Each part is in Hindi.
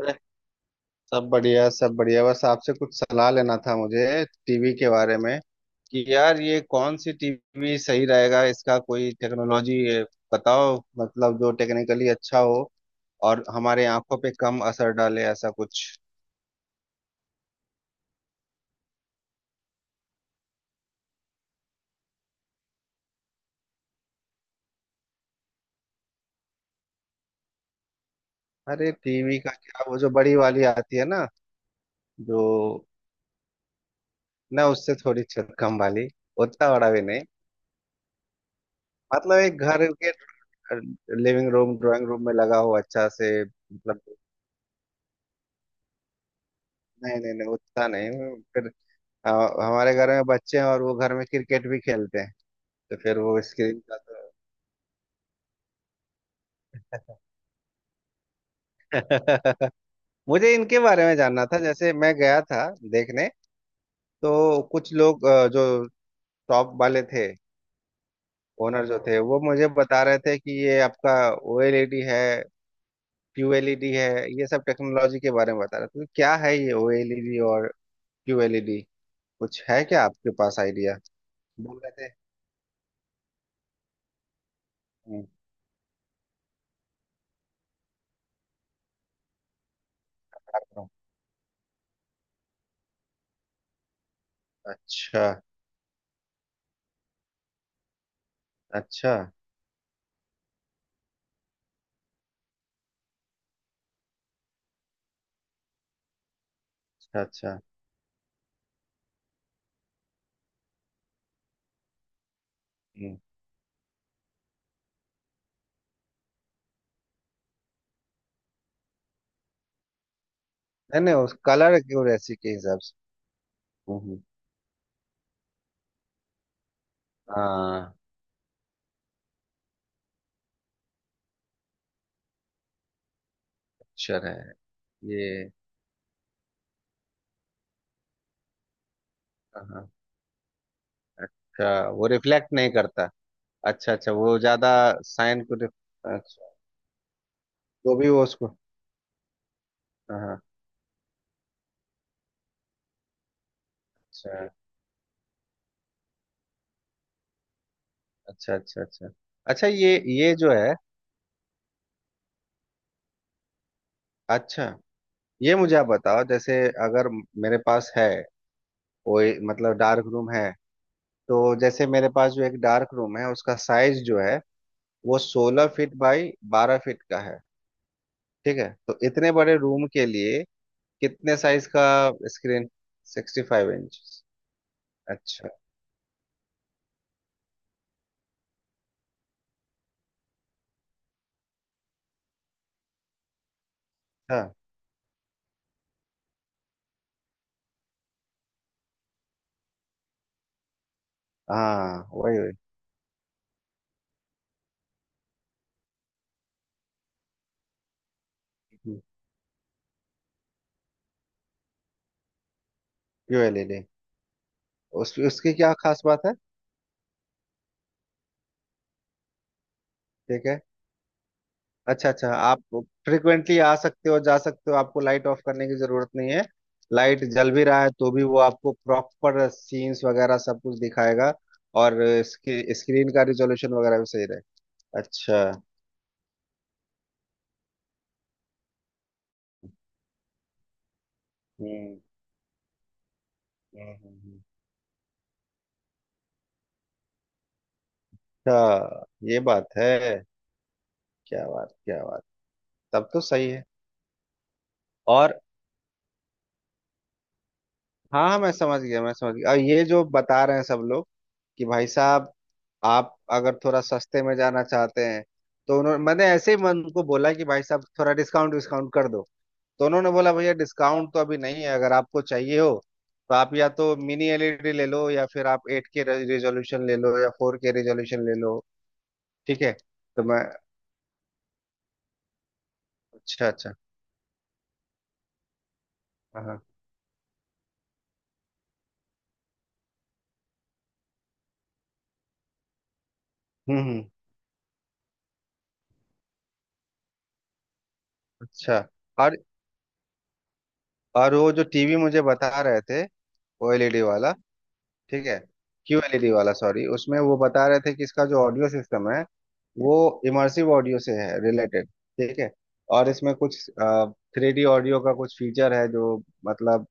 अरे, सब बढ़िया सब बढ़िया। बस आपसे कुछ सलाह लेना था मुझे टीवी के बारे में कि यार ये कौन सी टीवी सही रहेगा। इसका कोई टेक्नोलॉजी बताओ, मतलब जो टेक्निकली अच्छा हो और हमारे आंखों पे कम असर डाले, ऐसा कुछ। अरे टीवी का क्या, वो जो बड़ी वाली आती है ना, जो ना, उससे थोड़ी कम वाली, उतना बड़ा भी नहीं, मतलब एक घर के लिविंग रूम ड्राइंग रूम में लगा हो अच्छा से, मतलब। नहीं नहीं नहीं, उतना नहीं। फिर हाँ, हमारे घर में बच्चे हैं और वो घर में क्रिकेट भी खेलते हैं, तो फिर वो स्क्रीन का तो मुझे इनके बारे में जानना था। जैसे मैं गया था देखने, तो कुछ लोग जो टॉप वाले थे, ओनर जो थे, वो मुझे बता रहे थे कि ये आपका ओएलईडी है, क्यूएलईडी है, ये सब टेक्नोलॉजी के बारे में बता रहे थे। तो क्या है ये ओएलईडी और क्यूएलईडी, कुछ है क्या आपके पास आइडिया? बोल रहे थे। हम्म, अच्छा अच्छा अच्छा। अच्छा अच्छा। हम्म। नहीं नहीं, उस कलर की और ऐसी के हिसाब से। हम्म हम्म। हाँ, अक्षर है ये। हाँ, अच्छा, वो रिफ्लेक्ट नहीं करता। अच्छा अच्छा, वो ज्यादा साइन को अच्छा, जो भी वो उसको। हाँ, अच्छा अच्छा अच्छा। अच्छा अच्छा, ये जो है अच्छा। ये मुझे आप बताओ, जैसे अगर मेरे पास है कोई मतलब डार्क रूम है, तो जैसे मेरे पास जो एक डार्क रूम है उसका साइज जो है, वो 16 फीट बाई 12 फीट का है। ठीक है, तो इतने बड़े रूम के लिए कितने साइज का स्क्रीन? 65 इंच? अच्छा अच्छा। हाँ वही वही। क्यूएलईडी, उस उसकी क्या खास बात है? ठीक है। अच्छा अच्छा, आप फ्रिक्वेंटली आ सकते हो जा सकते हो, आपको लाइट ऑफ करने की जरूरत नहीं है। लाइट जल भी रहा है तो भी वो आपको प्रॉपर सीन्स वगैरह सब कुछ दिखाएगा? और इसकी स्क्रीन का रिजोल्यूशन वगैरह भी सही रहेगा? अच्छा। हम्म हम्म, हम्म, हम्म। अच्छा, ये बात है, क्या बात क्या बात। तब तो सही है। और हाँ हाँ, मैं समझ गया मैं समझ गया। और ये जो बता रहे हैं सब लोग कि भाई साहब, आप अगर थोड़ा सस्ते में जाना चाहते हैं, तो उन्होंने, मैंने ऐसे ही मन को बोला कि भाई साहब थोड़ा डिस्काउंट डिस्काउंट कर दो, तो उन्होंने बोला भैया डिस्काउंट तो अभी नहीं है, अगर आपको चाहिए हो तो आप या तो मिनी एलईडी ले लो, या फिर आप एट के रेजोल्यूशन ले लो, या फोर के रेजोल्यूशन ले लो। ठीक है, तो मैं, अच्छा अच्छा। हाँ हाँ। हम्म। अच्छा, और और वो जो टीवी मुझे बता रहे थे, वो एलईडी वाला, ठीक है, क्यू एलईडी वाला सॉरी, उसमें वो बता रहे थे कि इसका जो ऑडियो सिस्टम है वो इमर्सिव ऑडियो से है रिलेटेड। ठीक है, और इसमें कुछ थ्री डी ऑडियो का कुछ फीचर है जो, मतलब,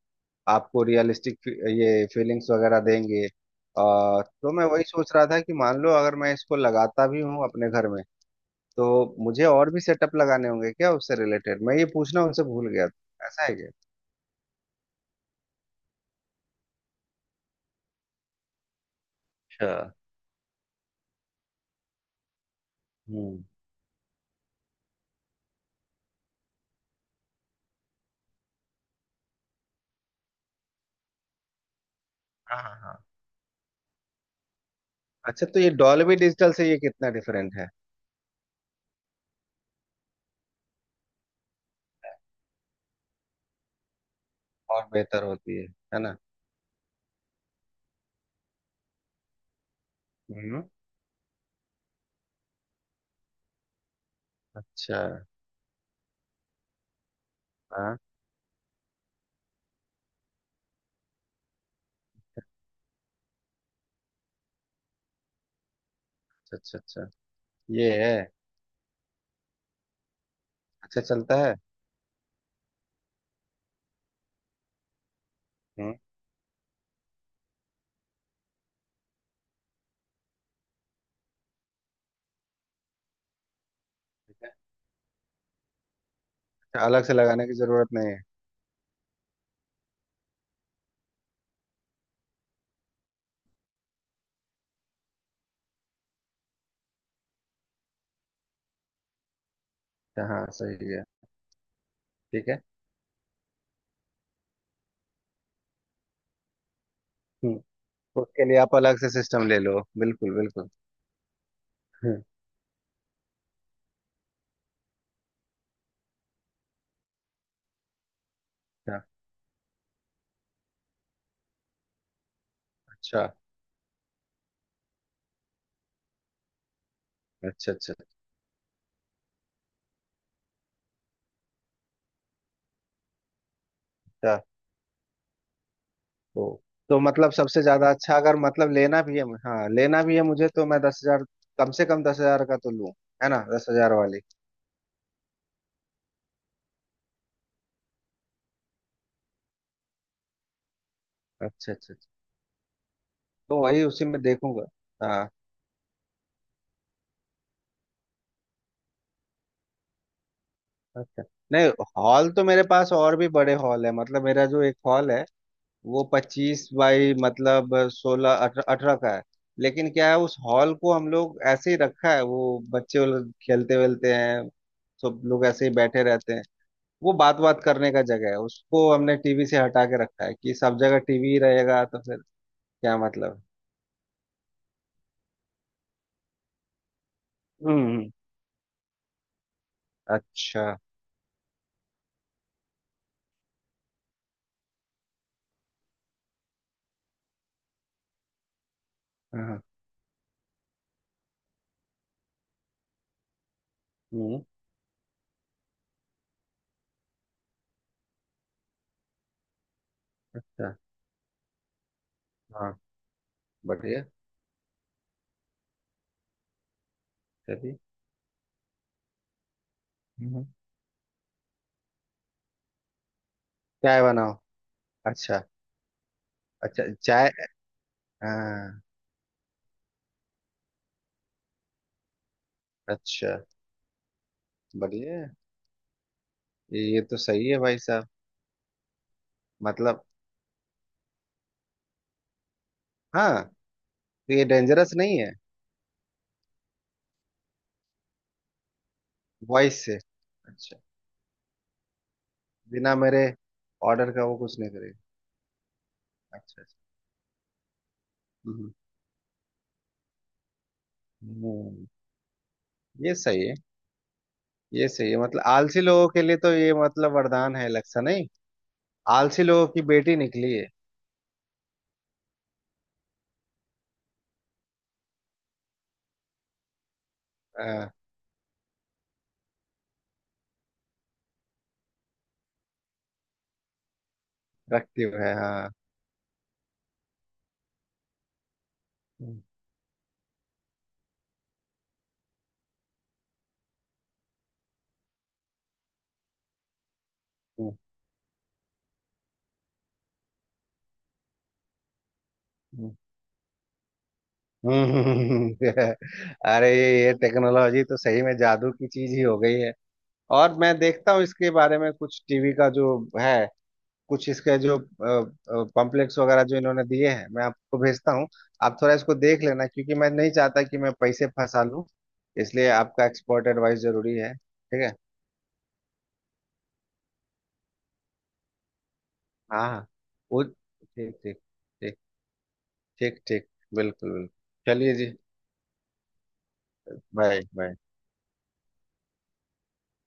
आपको रियलिस्टिक ये फीलिंग्स वगैरह देंगे। तो मैं वही सोच रहा था कि मान लो अगर मैं इसको लगाता भी हूँ अपने घर में, तो मुझे और भी सेटअप लगाने होंगे क्या उससे रिलेटेड? मैं ये पूछना उनसे भूल गया था, ऐसा है क्या? अच्छा। हम्म। हाँ हाँ हाँ। अच्छा, तो ये डॉल्बी डिजिटल से ये कितना डिफरेंट है? और बेहतर होती है ना? हम्म। अच्छा। हाँ। अच्छा अच्छा अच्छा। ये है। अच्छा, चलता है। हम्म। ठीक है। अच्छा, अलग से लगाने की जरूरत नहीं है? अच्छा, हाँ सही है। ठीक है। हम्म, उसके लिए आप अलग से सिस्टम ले लो, बिल्कुल बिल्कुल। हम्म, अच्छा अच्छा अच्छा। अच्छा अच्छा। तो तो मतलब सबसे ज्यादा अच्छा, अगर मतलब लेना भी है, हाँ लेना भी है मुझे, तो मैं दस हजार, कम से कम 10 हजार का तो लूँ, है ना? 10 हजार वाली। अच्छा अच्छा अच्छा। तो वही उसी में देखूंगा। हाँ। अच्छा, नहीं, हॉल तो मेरे पास और भी बड़े हॉल है, मतलब मेरा जो एक हॉल है वो 25 बाई, मतलब 16 18 का है। लेकिन क्या है, उस हॉल को हम लोग ऐसे ही रखा है, वो बच्चे वो लोग खेलते वेलते हैं, सब लोग ऐसे ही बैठे रहते हैं। वो बात बात करने का जगह है, उसको हमने टीवी से हटा के रखा है कि सब जगह टीवी ही रहेगा तो फिर क्या मतलब है? हम्म। अच्छा। हाँ। हम्म। अच्छा, हाँ बढ़िया। चलिए। हम्म। चाय बनाओ। अच्छा अच्छा, चाय, हाँ, अच्छा, बढ़िया है। ये तो सही है भाई साहब, मतलब। हाँ, तो ये डेंजरस नहीं है? वॉइस से, अच्छा। बिना मेरे ऑर्डर का वो कुछ नहीं करेगा? अच्छा अच्छा। हम्म, हम्म, ये सही है। ये सही है, मतलब आलसी लोगों के लिए तो ये मतलब वरदान है, इलेक्शन नहीं। आलसी लोगों की बेटी निकली है। हाँ, रखती है हाँ। हम्म, हम्म, हम्म। अरे, ये टेक्नोलॉजी तो सही में जादू की चीज ही हो गई है। और मैं देखता हूँ इसके बारे में, कुछ टीवी का जो है, कुछ इसके जो पम्पलेट्स वगैरह जो इन्होंने दिए हैं, मैं आपको भेजता हूँ, आप थोड़ा इसको देख लेना, क्योंकि मैं नहीं चाहता कि मैं पैसे फंसा लूँ, इसलिए आपका एक्सपर्ट एडवाइस जरूरी है। ठीक है। हाँ हाँ। वो ठीक ठीक। ठीक। ठीक ठीक। बिल्कुल बिल्कुल, चलिए जी। Bye bye.